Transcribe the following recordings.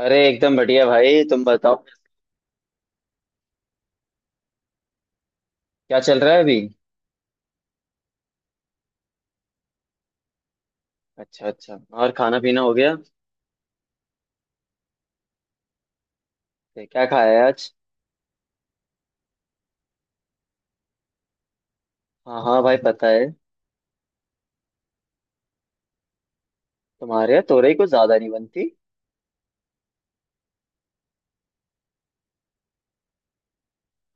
अरे एकदम बढ़िया भाई तुम बताओ। क्या चल रहा है अभी। अच्छा अच्छा और खाना पीना हो गया। क्या खाया है आज। हाँ हाँ भाई पता है। तुम्हारे यहाँ तोरई कुछ ज्यादा नहीं बनती।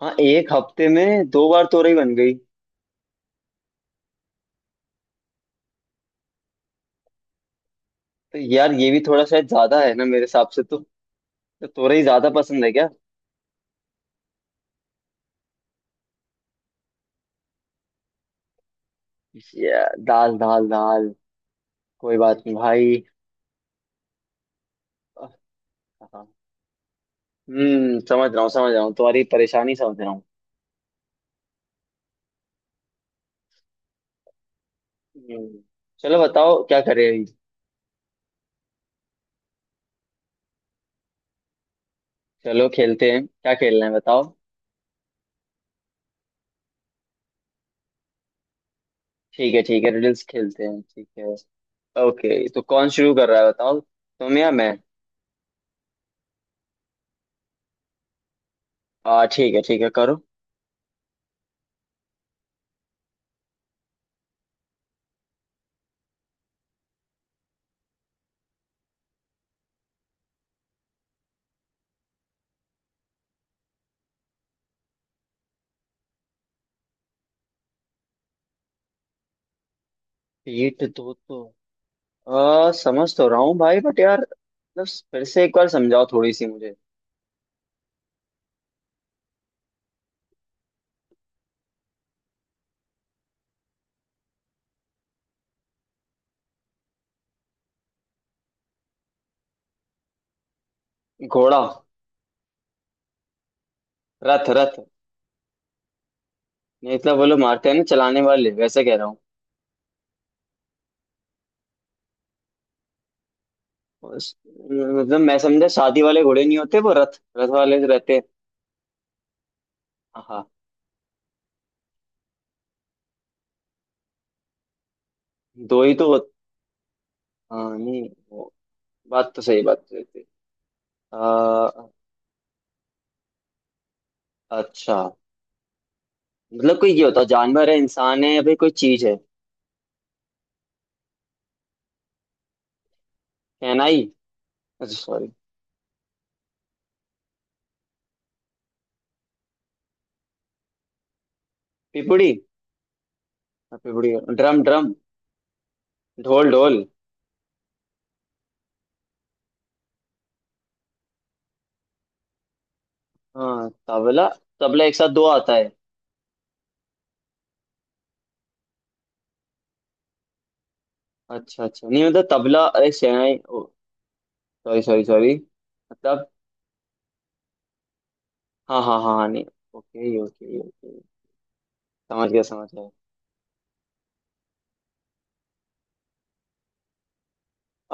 हाँ एक हफ्ते में दो बार तोरई बन गई। तो यार ये भी थोड़ा शायद ज्यादा है ना मेरे हिसाब से तो। तो तोरई ज्यादा पसंद है क्या। दाल दाल दाल कोई बात नहीं भाई। हाँ। समझ रहा हूँ तुम्हारी परेशानी समझ रहा हूँ। हम्म, चलो बताओ क्या करें अभी। चलो खेलते हैं क्या खेलना है बताओ। ठीक है रिडल्स खेलते हैं ठीक है। ओके तो कौन शुरू कर रहा है बताओ तुम या मैं। आ ठीक है करो। पीठ दो तो। समझ तो रहा हूँ भाई बट यार मतलब फिर से एक बार समझाओ थोड़ी सी मुझे। घोड़ा। रथ रथ। नहीं मतलब वो लोग मारते हैं ना चलाने वाले वैसे कह रहा हूँ। मतलब मैं समझा शादी वाले घोड़े नहीं होते वो रथ रथ वाले जो रहते हैं। हाँ दो ही तो होते। हाँ नहीं वो बात तो सही थी। आ, अच्छा। मतलब कोई ये होता जानवर है इंसान है या फिर कोई चीज है। शहनाई। अच्छा सॉरी। पिपुड़ी। हाँ, पिपुड़ी ड्रम ड्रम। ढोल ढोल। हाँ तबला। तबला एक साथ दो आता है। अच्छा अच्छा नहीं मतलब तबला अरे शहनाई ओ। Sorry sorry sorry. मतलब हाँ हाँ हाँ हाँ, नहीं। Okay okay okay. समझ गया समझ गया।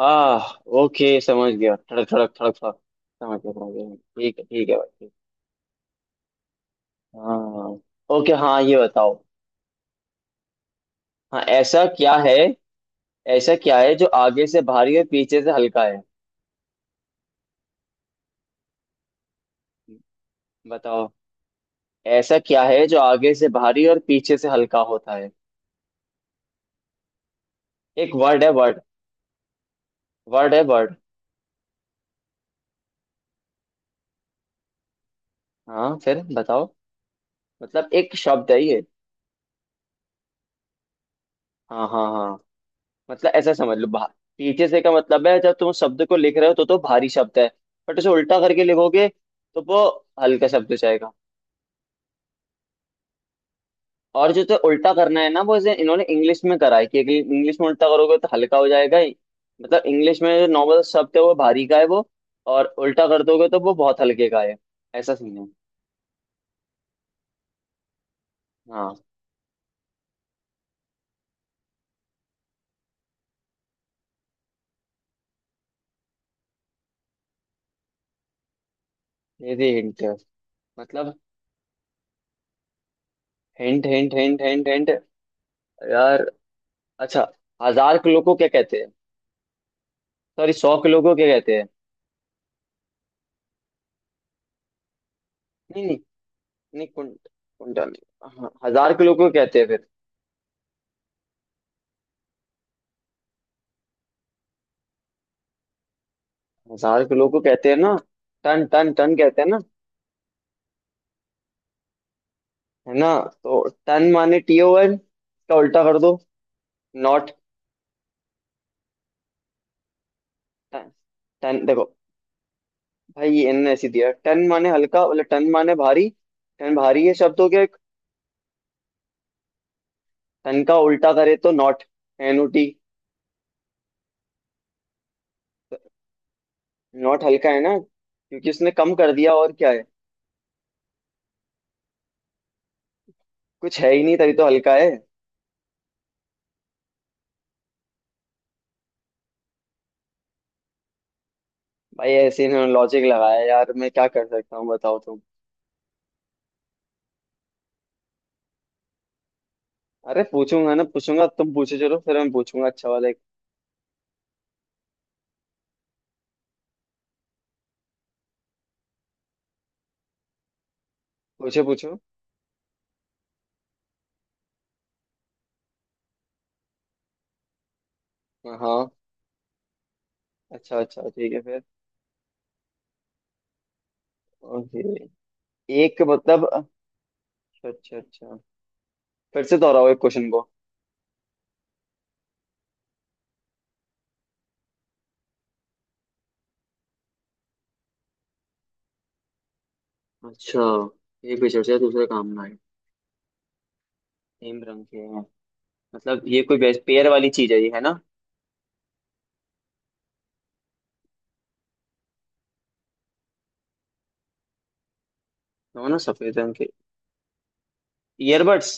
आह। ओके समझ गया ठड़क ठड़क ठड़क ठड़क। समझ गया ठीक है भाई ठीक। हाँ। ओके हाँ ये बताओ। हाँ ऐसा क्या है। ऐसा क्या है जो आगे से भारी और पीछे से हल्का है। बताओ। ऐसा क्या है जो आगे से भारी और पीछे से हल्का होता है। एक वर्ड है वर्ड। वर्ड है वर्ड। हाँ फिर बताओ। मतलब एक शब्द है ये। हाँ हाँ हाँ। मतलब ऐसा समझ लो। पीछे से का मतलब है जब तुम शब्द को लिख रहे हो तो भारी शब्द है। बट उसे उल्टा करके लिखोगे तो वो हल्का शब्द हो जाएगा। और जो तो उल्टा करना है ना वो इसे इन्होंने इंग्लिश में करा है कि इंग्लिश में उल्टा करोगे तो हल्का हो जाएगा ही। मतलब इंग्लिश में जो नॉर्मल शब्द है वो भारी का है वो। और उल्टा कर दोगे तो वो बहुत हल्के का है। ऐसा सीन है। हाँ ये भी हिंट है। मतलब hint hint hint hint hint यार अच्छा। 1,000 किलो को क्या कहते हैं। सॉरी 100 किलो को क्या कहते हैं। नहीं नहीं नहीं। कुंटल नहीं। हाँ, 1,000 किलो को कहते हैं फिर। 1,000 किलो को कहते हैं ना। टन टन टन कहते हैं ना। है ना। तो टन माने टी ओवर इसका उल्टा कर दो। नॉट। टन टन देखो। भाई ये इनने ऐसी दिया टन माने हल्का मतलब टन माने भारी। टन भारी है शब्द हो गया एक। टन का उल्टा करे तो नॉट NOT। नॉट हल्का है ना क्योंकि उसने कम कर दिया और क्या है। कुछ है ही नहीं तभी तो हल्का है। भाई ऐसे इन्होंने लॉजिक लगाया यार मैं क्या कर सकता हूँ बताओ तुम। अरे पूछूंगा ना पूछूंगा तुम पूछो चलो फिर मैं पूछूंगा अच्छा वाला एक। पूछो पूछो। हाँ हाँ, अच्छा अच्छा ठीक है फिर। ओके एक मतलब अच्छा अच्छा फिर से दोहराओ एक क्वेश्चन को। अच्छा। एक विषय से दूसरे काम में आए। सेम रंग के हैं। मतलब ये कोई बेस पेयर वाली चीज है ये है ना। दोनों सफेद रंग के। Earbuds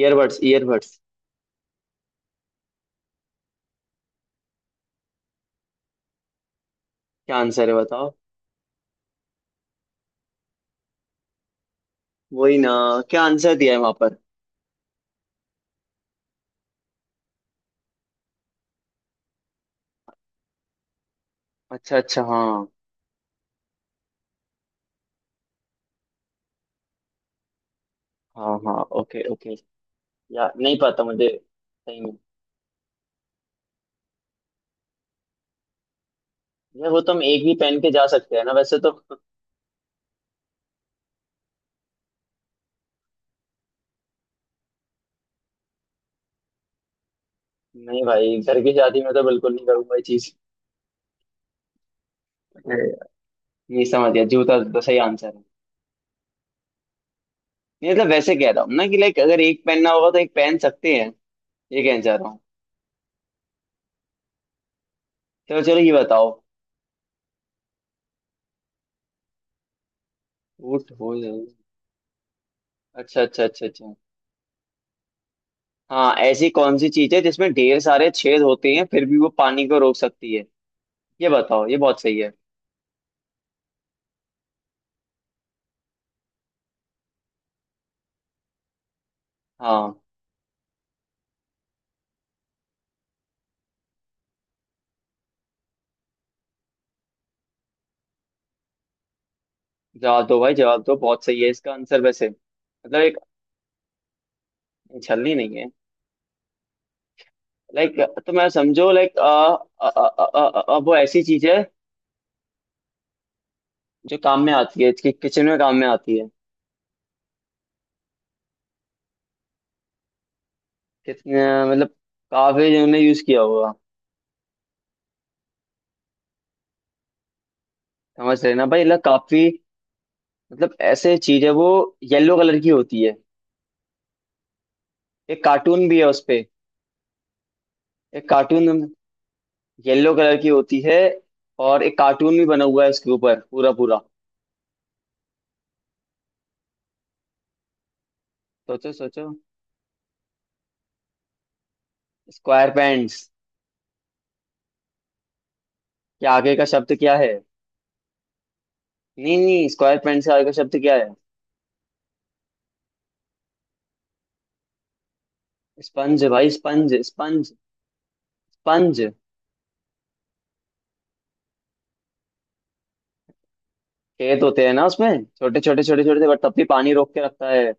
earbuds earbuds. क्या आंसर है बताओ। वही ना। क्या आंसर दिया है वहां पर। अच्छा अच्छा हाँ हाँ हाँ ओके ओके। यार नहीं पता मुझे सही में। यार वो तो हम एक ही पहन के जा सकते हैं ना वैसे तो। नहीं भाई घर की शादी में तो बिल्कुल नहीं करूंगा ये चीज। अरे यार, ये समझ गया जूता तो सही आंसर है। नहीं मतलब वैसे कह रहा हूँ ना कि लाइक अगर एक पहनना होगा तो एक पहन सकते हैं। ये कहना चाह रहा हूँ। चलो चलो ये बताओ। ऊँट हो जाए। अच्छा अच्छा अच्छा अच्छा। हाँ ऐसी कौन सी चीज है जिसमें ढेर सारे छेद होते हैं फिर भी वो पानी को रोक सकती है। ये बताओ ये बहुत सही है। हाँ जवाब दो भाई जवाब दो बहुत सही है इसका आंसर वैसे मतलब एक। छलनी नहीं है। लाइक तो मैं समझो लाइक आ, आ, आ, आ, आ, आ, वो ऐसी चीज है। जो काम में आती है कि किचन में काम में आती है। कितने मतलब काफी जिन्होंने यूज किया होगा। समझ रहे ना भाई मतलब काफी। मतलब ऐसे चीज है वो। येलो कलर की होती है। एक कार्टून भी है उसपे। एक कार्टून येलो कलर की होती है और एक कार्टून भी बना हुआ है उसके ऊपर पूरा पूरा। सोचो सोचो। स्क्वायर पैंट्स के आगे का शब्द क्या है। नहीं नहीं स्क्वायर पैंट्स के आगे का शब्द क्या है। स्पंज भाई स्पंज स्पंज स्पंज। खेत होते हैं ना उसमें छोटे छोटे छोटे छोटे से बट तब भी पानी रोक के रखता है।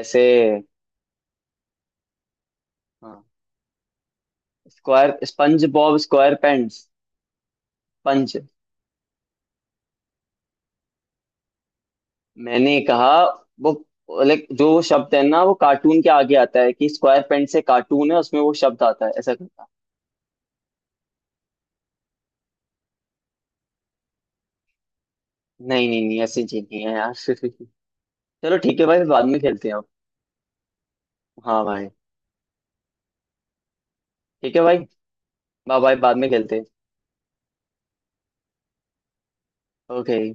ऐसे। हाँ square SpongeBob square pants sponge. मैंने कहा वो लाइक जो शब्द है ना वो कार्टून के आगे आता है कि स्क्वायर पेन से कार्टून है उसमें वो शब्द आता है ऐसा करता। नहीं नहीं नहीं ऐसी चीज नहीं है यार। चलो ठीक है भाई बाद में खेलते हैं अब। हाँ भाई ठीक है भाई बाय बाय बाद में खेलते हैं। ओके।